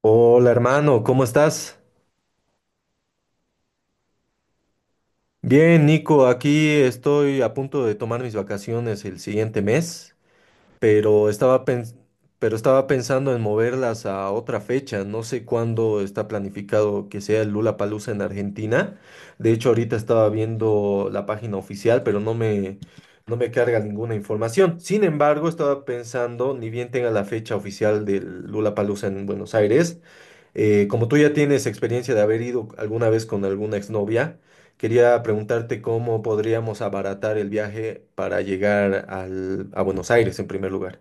Hola hermano, ¿cómo estás? Bien, Nico, aquí estoy a punto de tomar mis vacaciones el siguiente mes, pero estaba pens- pero estaba pensando en moverlas a otra fecha. No sé cuándo está planificado que sea el Palusa en Argentina. De hecho, ahorita estaba viendo la página oficial, pero no me carga ninguna información. Sin embargo, estaba pensando, ni bien tenga la fecha oficial del Palusa en Buenos Aires. Como tú ya tienes experiencia de haber ido alguna vez con alguna exnovia, quería preguntarte cómo podríamos abaratar el viaje para llegar a Buenos Aires en primer lugar.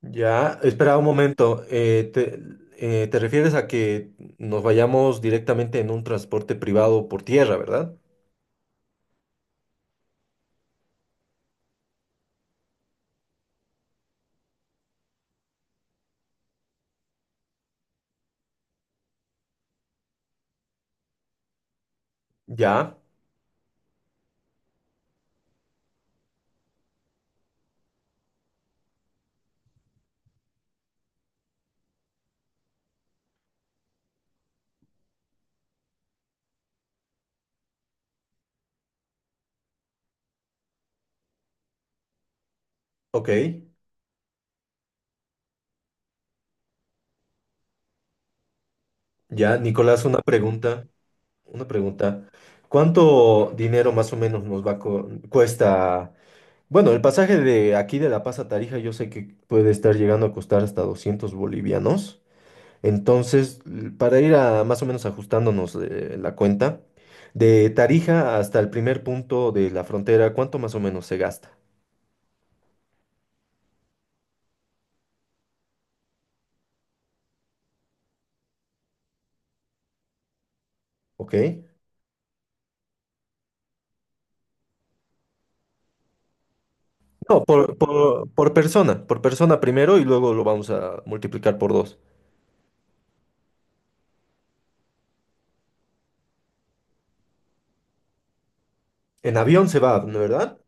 Ya, espera un momento. ¿Te refieres a que nos vayamos directamente en un transporte privado por tierra, verdad? Ya, ok. Ya, Nicolás, una pregunta. ¿Cuánto dinero más o menos nos cuesta? Bueno, el pasaje de aquí de La Paz a Tarija yo sé que puede estar llegando a costar hasta 200 bolivianos. Entonces, para ir a más o menos ajustándonos la cuenta, de Tarija hasta el primer punto de la frontera, ¿cuánto más o menos se gasta? ¿Ok? No, por persona primero y luego lo vamos a multiplicar por dos. En avión se va, ¿no verdad?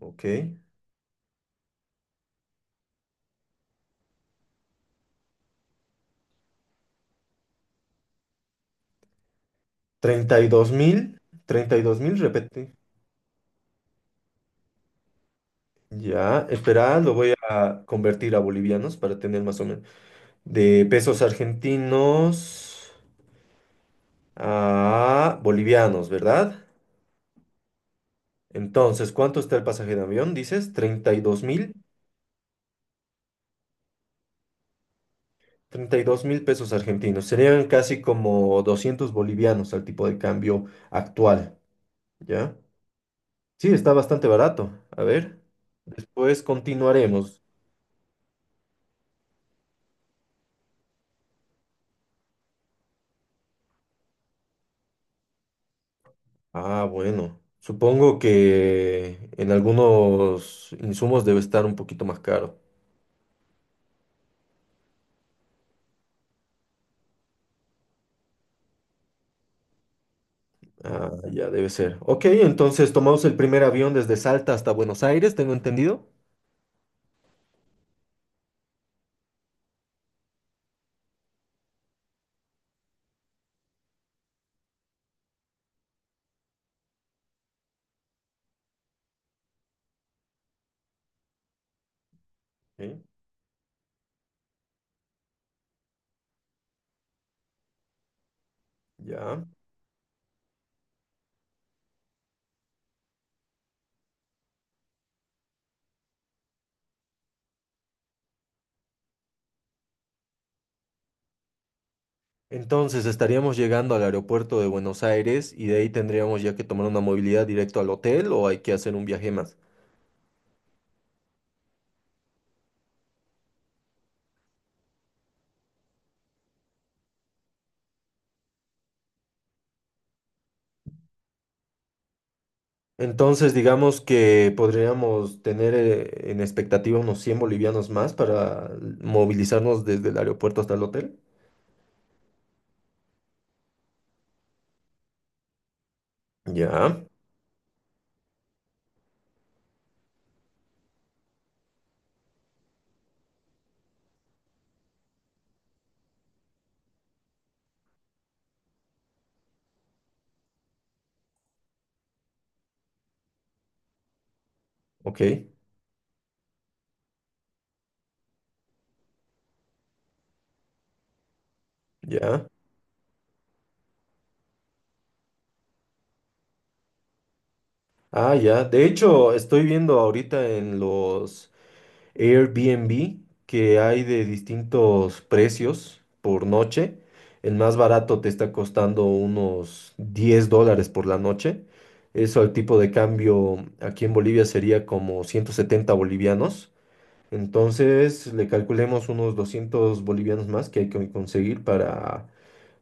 Ok. 32 mil, 32 mil, repete. Ya, espera, lo voy a convertir a bolivianos para tener más o menos. De pesos argentinos a bolivianos, ¿verdad? Entonces, ¿cuánto está el pasaje de avión? Dices, 32 mil. Treinta y dos mil pesos argentinos. Serían casi como 200 bolivianos al tipo de cambio actual, ¿ya? Sí, está bastante barato. A ver, después continuaremos. Ah, bueno. Supongo que en algunos insumos debe estar un poquito más caro. Ah, ya debe ser. Ok, entonces tomamos el primer avión desde Salta hasta Buenos Aires, tengo entendido. Sí, ya. Entonces estaríamos llegando al aeropuerto de Buenos Aires y de ahí tendríamos ya que tomar una movilidad directo al hotel o hay que hacer un viaje más. Entonces digamos que podríamos tener en expectativa unos 100 bolivianos más para movilizarnos desde el aeropuerto hasta el hotel. Ya, ok, ya. Ah, ya. De hecho, estoy viendo ahorita en los Airbnb, que hay de distintos precios por noche. El más barato te está costando unos 10 dólares por la noche. Eso al tipo de cambio aquí en Bolivia sería como 170 bolivianos. Entonces le calculemos unos 200 bolivianos más que hay que conseguir para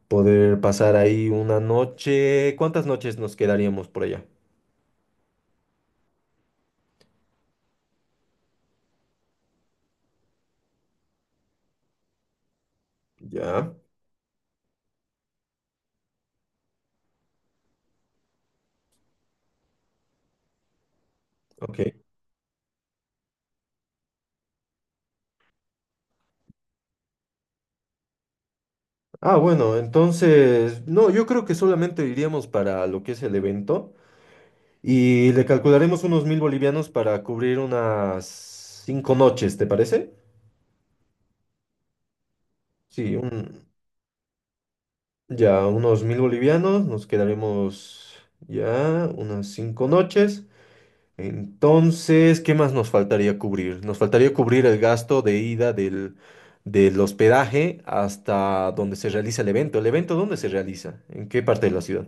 poder pasar ahí una noche. ¿Cuántas noches nos quedaríamos por allá? Ya, ok. Ah, bueno, entonces, no, yo creo que solamente iríamos para lo que es el evento y le calcularemos unos mil bolivianos para cubrir unas cinco noches, ¿te parece? Sí, un- ya unos mil bolivianos, nos quedaremos ya unas cinco noches. Entonces, ¿qué más nos faltaría cubrir? Nos faltaría cubrir el gasto de ida del hospedaje hasta donde se realiza el evento. ¿El evento dónde se realiza? ¿En qué parte de la ciudad?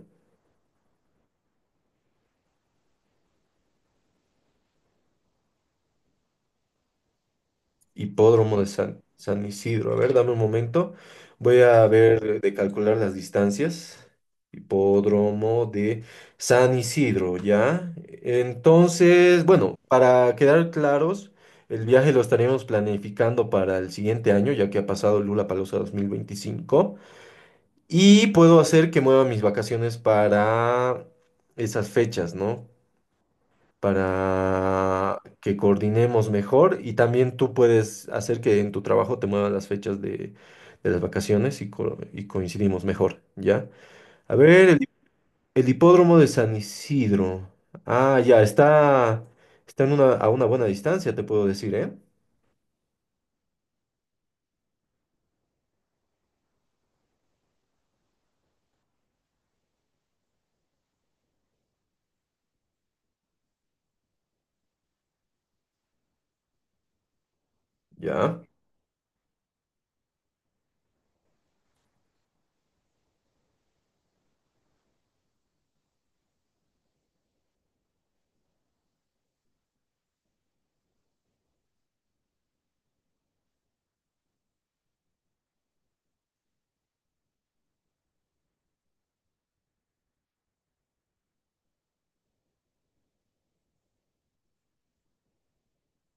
Hipódromo de San Isidro. A ver, dame un momento. Voy a ver de calcular las distancias. Hipódromo de San Isidro, ¿ya? Entonces, bueno, para quedar claros, el viaje lo estaremos planificando para el siguiente año, ya que ha pasado Lula Lollapalooza 2025. Y puedo hacer que mueva mis vacaciones para esas fechas, ¿no? Para que coordinemos mejor y también tú puedes hacer que en tu trabajo te muevan las fechas de las vacaciones y, co- y coincidimos mejor, ¿ya? A ver, el, el hipódromo de San Isidro. Ah, ya, está, está en a una buena distancia, te puedo decir, ¿eh? Ya.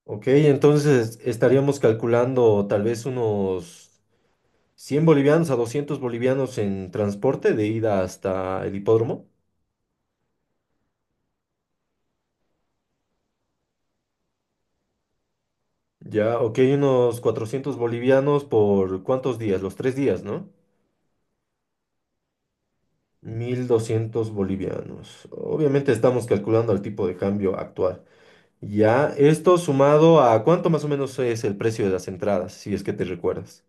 Ok, entonces estaríamos calculando tal vez unos 100 bolivianos a 200 bolivianos en transporte de ida hasta el hipódromo. Ya, ok, unos 400 bolivianos por cuántos días, los tres días, ¿no? 1200 bolivianos. Obviamente estamos calculando el tipo de cambio actual. Ya, esto sumado a cuánto más o menos es el precio de las entradas, si es que te recuerdas.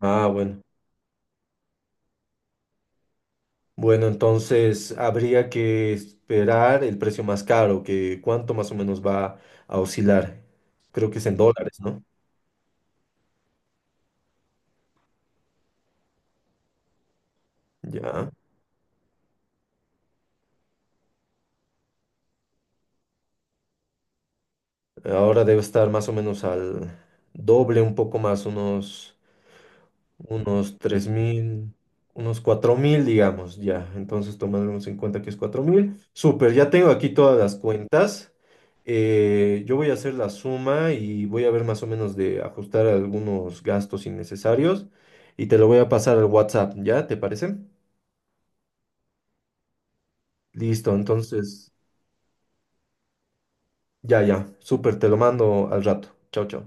Ah, bueno. Bueno, entonces habría que esperar el precio más caro, que cuánto más o menos va a oscilar. Creo que es en dólares, ¿no? Ya. Ahora debe estar más o menos al doble, un poco más, unos unos tres mil unos 4.000 digamos, ya. Entonces, tomándonos en cuenta que es cuatro mil. Súper, ya tengo aquí todas las cuentas. Yo voy a hacer la suma y voy a ver más o menos de ajustar algunos gastos innecesarios y te lo voy a pasar al WhatsApp, ¿ya? ¿Te parece? Listo, entonces, ya, ya. Súper, te lo mando al rato. Chao, chao.